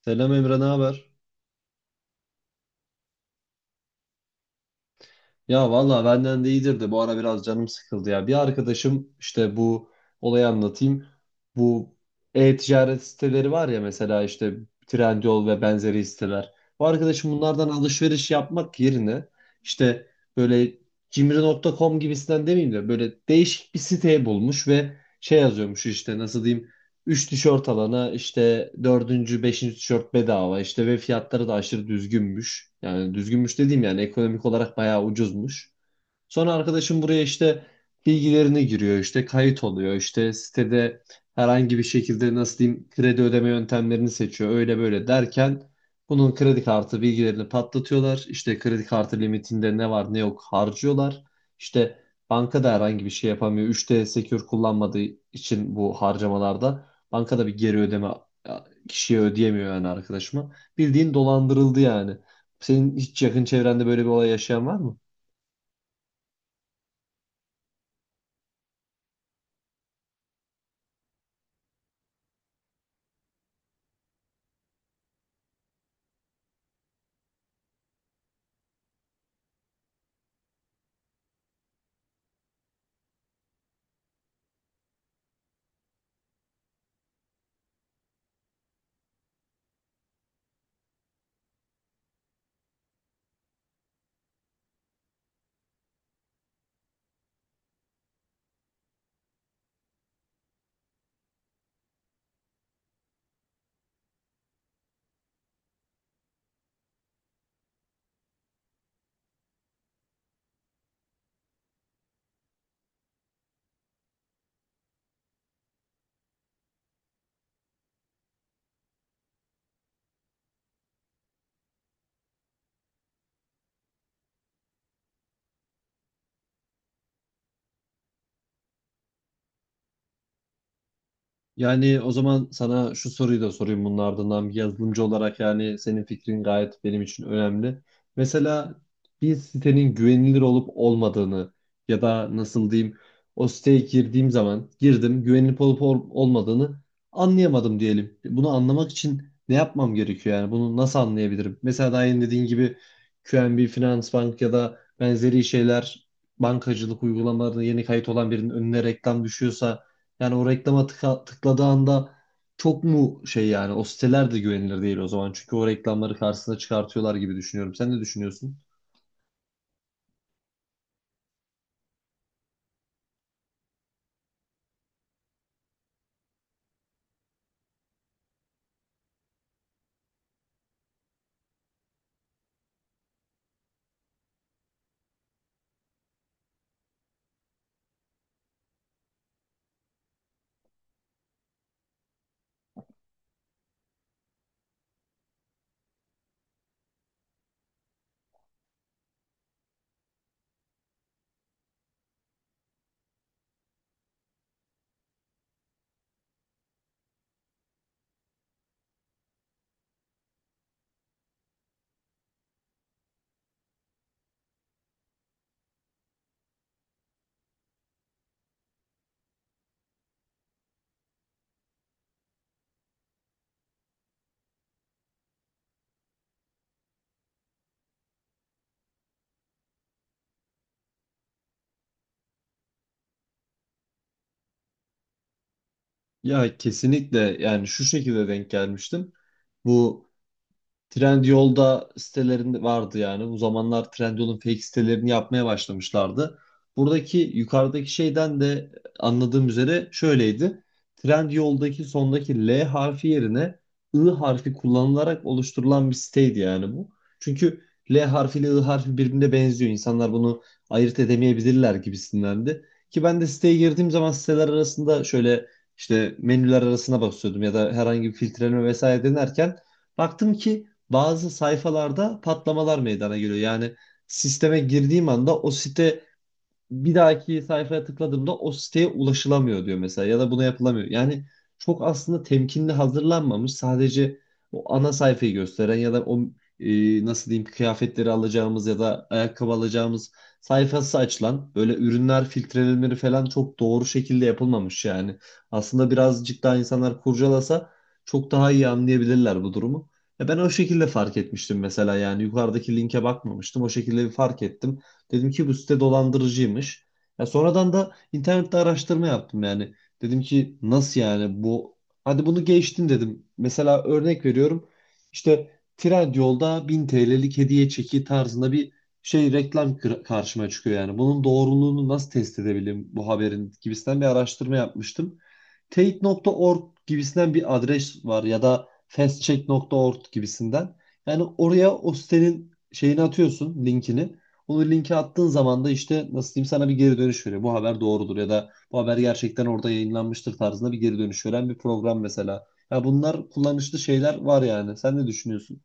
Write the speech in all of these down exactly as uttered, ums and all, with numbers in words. Selam Emre, ne haber? Ya valla benden de iyidir de bu ara biraz canım sıkıldı ya. Bir arkadaşım işte bu olayı anlatayım. Bu e-ticaret siteleri var ya mesela işte Trendyol ve benzeri siteler. Bu arkadaşım bunlardan alışveriş yapmak yerine işte böyle cimri nokta com gibisinden demeyeyim de böyle değişik bir site bulmuş ve şey yazıyormuş işte nasıl diyeyim: üç tişört alana işte dördüncü beşinci tişört bedava işte ve fiyatları da aşırı düzgünmüş. Yani düzgünmüş dediğim yani ekonomik olarak bayağı ucuzmuş. Sonra arkadaşım buraya işte bilgilerini giriyor, işte kayıt oluyor, işte sitede herhangi bir şekilde nasıl diyeyim kredi ödeme yöntemlerini seçiyor. Öyle böyle derken bunun kredi kartı bilgilerini patlatıyorlar. İşte kredi kartı limitinde ne var ne yok harcıyorlar. İşte bankada herhangi bir şey yapamıyor. üç D Secure kullanmadığı için bu harcamalarda bankada bir geri ödeme ya, kişiye ödeyemiyor yani arkadaşıma. Bildiğin dolandırıldı yani. Senin hiç yakın çevrende böyle bir olay yaşayan var mı? Yani o zaman sana şu soruyu da sorayım, bunun ardından bir yazılımcı olarak yani senin fikrin gayet benim için önemli. Mesela bir sitenin güvenilir olup olmadığını ya da nasıl diyeyim o siteye girdiğim zaman girdim, güvenilip olup ol- olmadığını anlayamadım diyelim. Bunu anlamak için ne yapmam gerekiyor, yani bunu nasıl anlayabilirim? Mesela daha yeni dediğin gibi Q N B, Finansbank ya da benzeri şeyler bankacılık uygulamalarına yeni kayıt olan birinin önüne reklam düşüyorsa yani o reklama tıka- tıkladığı anda çok mu şey yani, o siteler de güvenilir değil o zaman. Çünkü o reklamları karşısına çıkartıyorlar gibi düşünüyorum. Sen ne düşünüyorsun? Ya kesinlikle, yani şu şekilde denk gelmiştim. Bu Trendyol'da sitelerinde vardı yani. Bu zamanlar Trendyol'un fake sitelerini yapmaya başlamışlardı. Buradaki yukarıdaki şeyden de anladığım üzere şöyleydi: Trendyol'daki sondaki L harfi yerine I harfi kullanılarak oluşturulan bir siteydi yani bu. Çünkü L harfi ile I harfi birbirine benziyor. İnsanlar bunu ayırt edemeyebilirler gibisindendi. Ki ben de siteye girdiğim zaman siteler arasında şöyle işte menüler arasına basıyordum ya da herhangi bir filtreleme vesaire denerken baktım ki bazı sayfalarda patlamalar meydana geliyor. Yani sisteme girdiğim anda o site, bir dahaki sayfaya tıkladığımda o siteye ulaşılamıyor diyor mesela ya da buna yapılamıyor. Yani çok aslında temkinli hazırlanmamış, sadece o ana sayfayı gösteren ya da o e, nasıl diyeyim kıyafetleri alacağımız ya da ayakkabı alacağımız sayfası açılan böyle ürünler filtrelenmeleri falan çok doğru şekilde yapılmamış yani. Aslında birazcık daha insanlar kurcalasa çok daha iyi anlayabilirler bu durumu. Ya ben o şekilde fark etmiştim mesela, yani yukarıdaki linke bakmamıştım. O şekilde bir fark ettim. Dedim ki bu site dolandırıcıymış. Ya sonradan da internette araştırma yaptım yani. Dedim ki nasıl yani bu, hadi bunu geçtim dedim. Mesela örnek veriyorum. İşte Trendyol'da bin liralık hediye çeki tarzında bir şey reklam kır- karşıma çıkıyor yani. Bunun doğruluğunu nasıl test edebilirim, bu haberin gibisinden bir araştırma yapmıştım. teyit nokta org gibisinden bir adres var ya da fastcheck nokta org gibisinden. Yani oraya o sitenin şeyini atıyorsun, linkini. Onu linke attığın zaman da işte nasıl diyeyim sana bir geri dönüş veriyor. Bu haber doğrudur ya da bu haber gerçekten orada yayınlanmıştır tarzında bir geri dönüş veren bir program mesela. Ya bunlar kullanışlı şeyler var yani. Sen ne düşünüyorsun?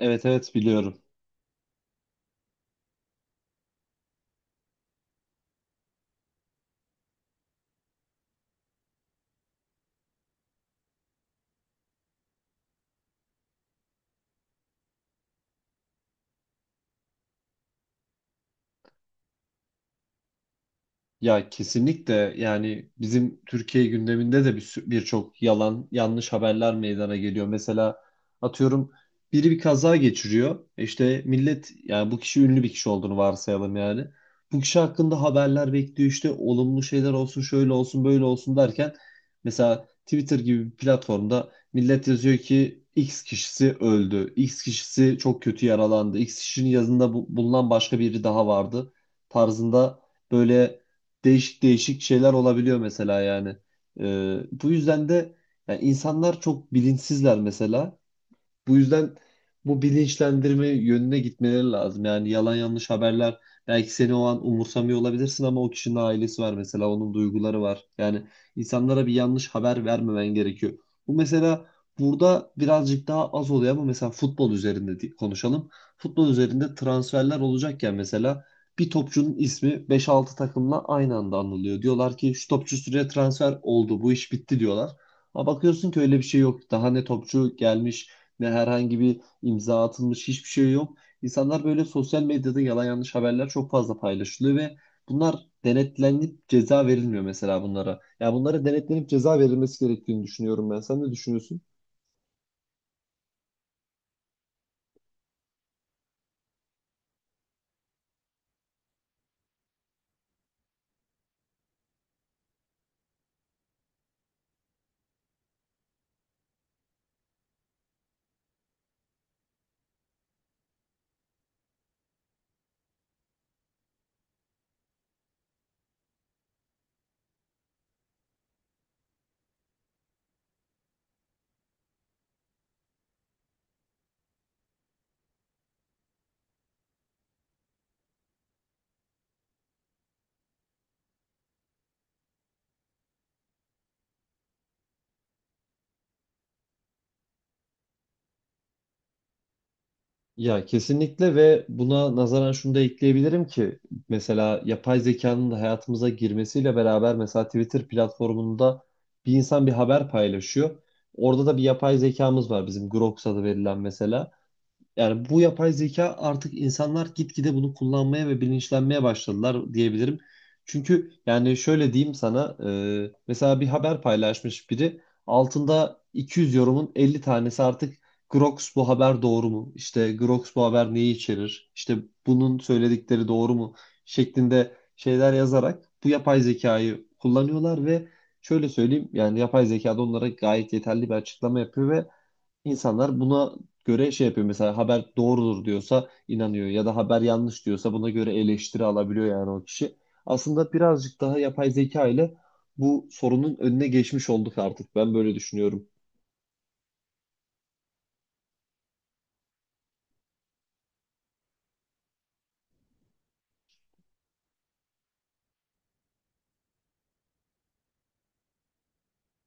Evet, evet, biliyorum. Ya kesinlikle, yani bizim Türkiye gündeminde de bir sü- birçok yalan yanlış haberler meydana geliyor. Mesela atıyorum biri bir kaza geçiriyor. E İşte millet, yani bu kişi ünlü bir kişi olduğunu varsayalım yani. Bu kişi hakkında haberler bekliyor, işte olumlu şeyler olsun, şöyle olsun, böyle olsun derken mesela Twitter gibi bir platformda millet yazıyor ki X kişisi öldü. X kişisi çok kötü yaralandı. X kişinin yanında bu- bulunan başka biri daha vardı tarzında böyle değişik değişik şeyler olabiliyor mesela yani. Ee, bu yüzden de yani insanlar çok bilinçsizler mesela. Bu yüzden bu bilinçlendirme yönüne gitmeleri lazım. Yani yalan yanlış haberler, belki seni o an umursamıyor olabilirsin ama o kişinin ailesi var mesela, onun duyguları var. Yani insanlara bir yanlış haber vermemen gerekiyor. Bu mesela burada birazcık daha az oluyor ama mesela futbol üzerinde di- konuşalım. Futbol üzerinde transferler olacakken mesela bir topçunun ismi beş altı takımla aynı anda anılıyor. Diyorlar ki şu topçu şuraya transfer oldu, bu iş bitti diyorlar. Ama bakıyorsun ki öyle bir şey yok. Daha ne topçu gelmiş ne herhangi bir imza atılmış, hiçbir şey yok. İnsanlar böyle sosyal medyada yalan yanlış haberler çok fazla paylaşılıyor ve bunlar denetlenip ceza verilmiyor mesela bunlara. Yani bunlara denetlenip ceza verilmesi gerektiğini düşünüyorum ben. Sen ne düşünüyorsun? Ya kesinlikle, ve buna nazaran şunu da ekleyebilirim ki mesela yapay zekanın da hayatımıza girmesiyle beraber mesela Twitter platformunda bir insan bir haber paylaşıyor. Orada da bir yapay zekamız var bizim, Grok adı verilen mesela. Yani bu yapay zeka artık, insanlar gitgide bunu kullanmaya ve bilinçlenmeye başladılar diyebilirim. Çünkü yani şöyle diyeyim sana, e, mesela bir haber paylaşmış biri, altında iki yüz yorumun elli tanesi artık Grox bu haber doğru mu? İşte Grox bu haber neyi içerir? İşte bunun söyledikleri doğru mu? Şeklinde şeyler yazarak bu yapay zekayı kullanıyorlar ve şöyle söyleyeyim, yani yapay zeka da onlara gayet yeterli bir açıklama yapıyor ve İnsanlar buna göre şey yapıyor. Mesela haber doğrudur diyorsa inanıyor ya da haber yanlış diyorsa buna göre eleştiri alabiliyor yani o kişi. Aslında birazcık daha yapay zeka ile bu sorunun önüne geçmiş olduk artık. Ben böyle düşünüyorum.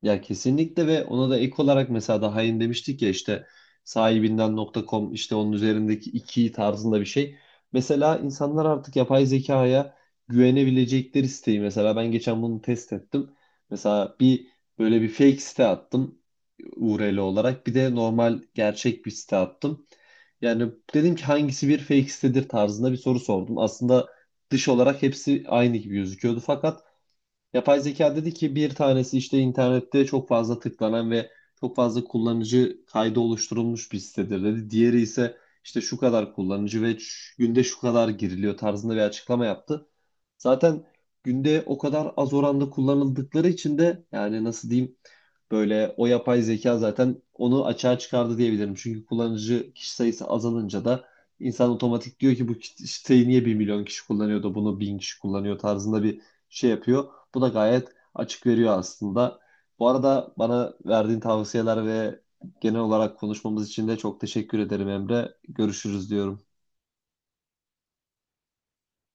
Ya kesinlikle, ve ona da ek olarak mesela daha yeni demiştik ya işte sahibinden nokta .com, işte onun üzerindeki iki tarzında bir şey. Mesela insanlar artık yapay zekaya güvenebilecekleri siteyi, mesela ben geçen bunu test ettim. Mesela bir böyle bir fake site attım U R L olarak, bir de normal gerçek bir site attım. Yani dedim ki hangisi bir fake sitedir tarzında bir soru sordum. Aslında dış olarak hepsi aynı gibi gözüküyordu fakat yapay zeka dedi ki bir tanesi işte internette çok fazla tıklanan ve çok fazla kullanıcı kaydı oluşturulmuş bir sitedir dedi. Diğeri ise işte şu kadar kullanıcı ve şu- günde şu kadar giriliyor tarzında bir açıklama yaptı. Zaten günde o kadar az oranda kullanıldıkları için de yani nasıl diyeyim böyle o yapay zeka zaten onu açığa çıkardı diyebilirim. Çünkü kullanıcı kişi sayısı azalınca da insan otomatik diyor ki bu kit- siteyi niye bir milyon kişi kullanıyor da bunu bin kişi kullanıyor tarzında bir şey yapıyor. Bu da gayet açık veriyor aslında. Bu arada bana verdiğin tavsiyeler ve genel olarak konuşmamız için de çok teşekkür ederim Emre. Görüşürüz diyorum.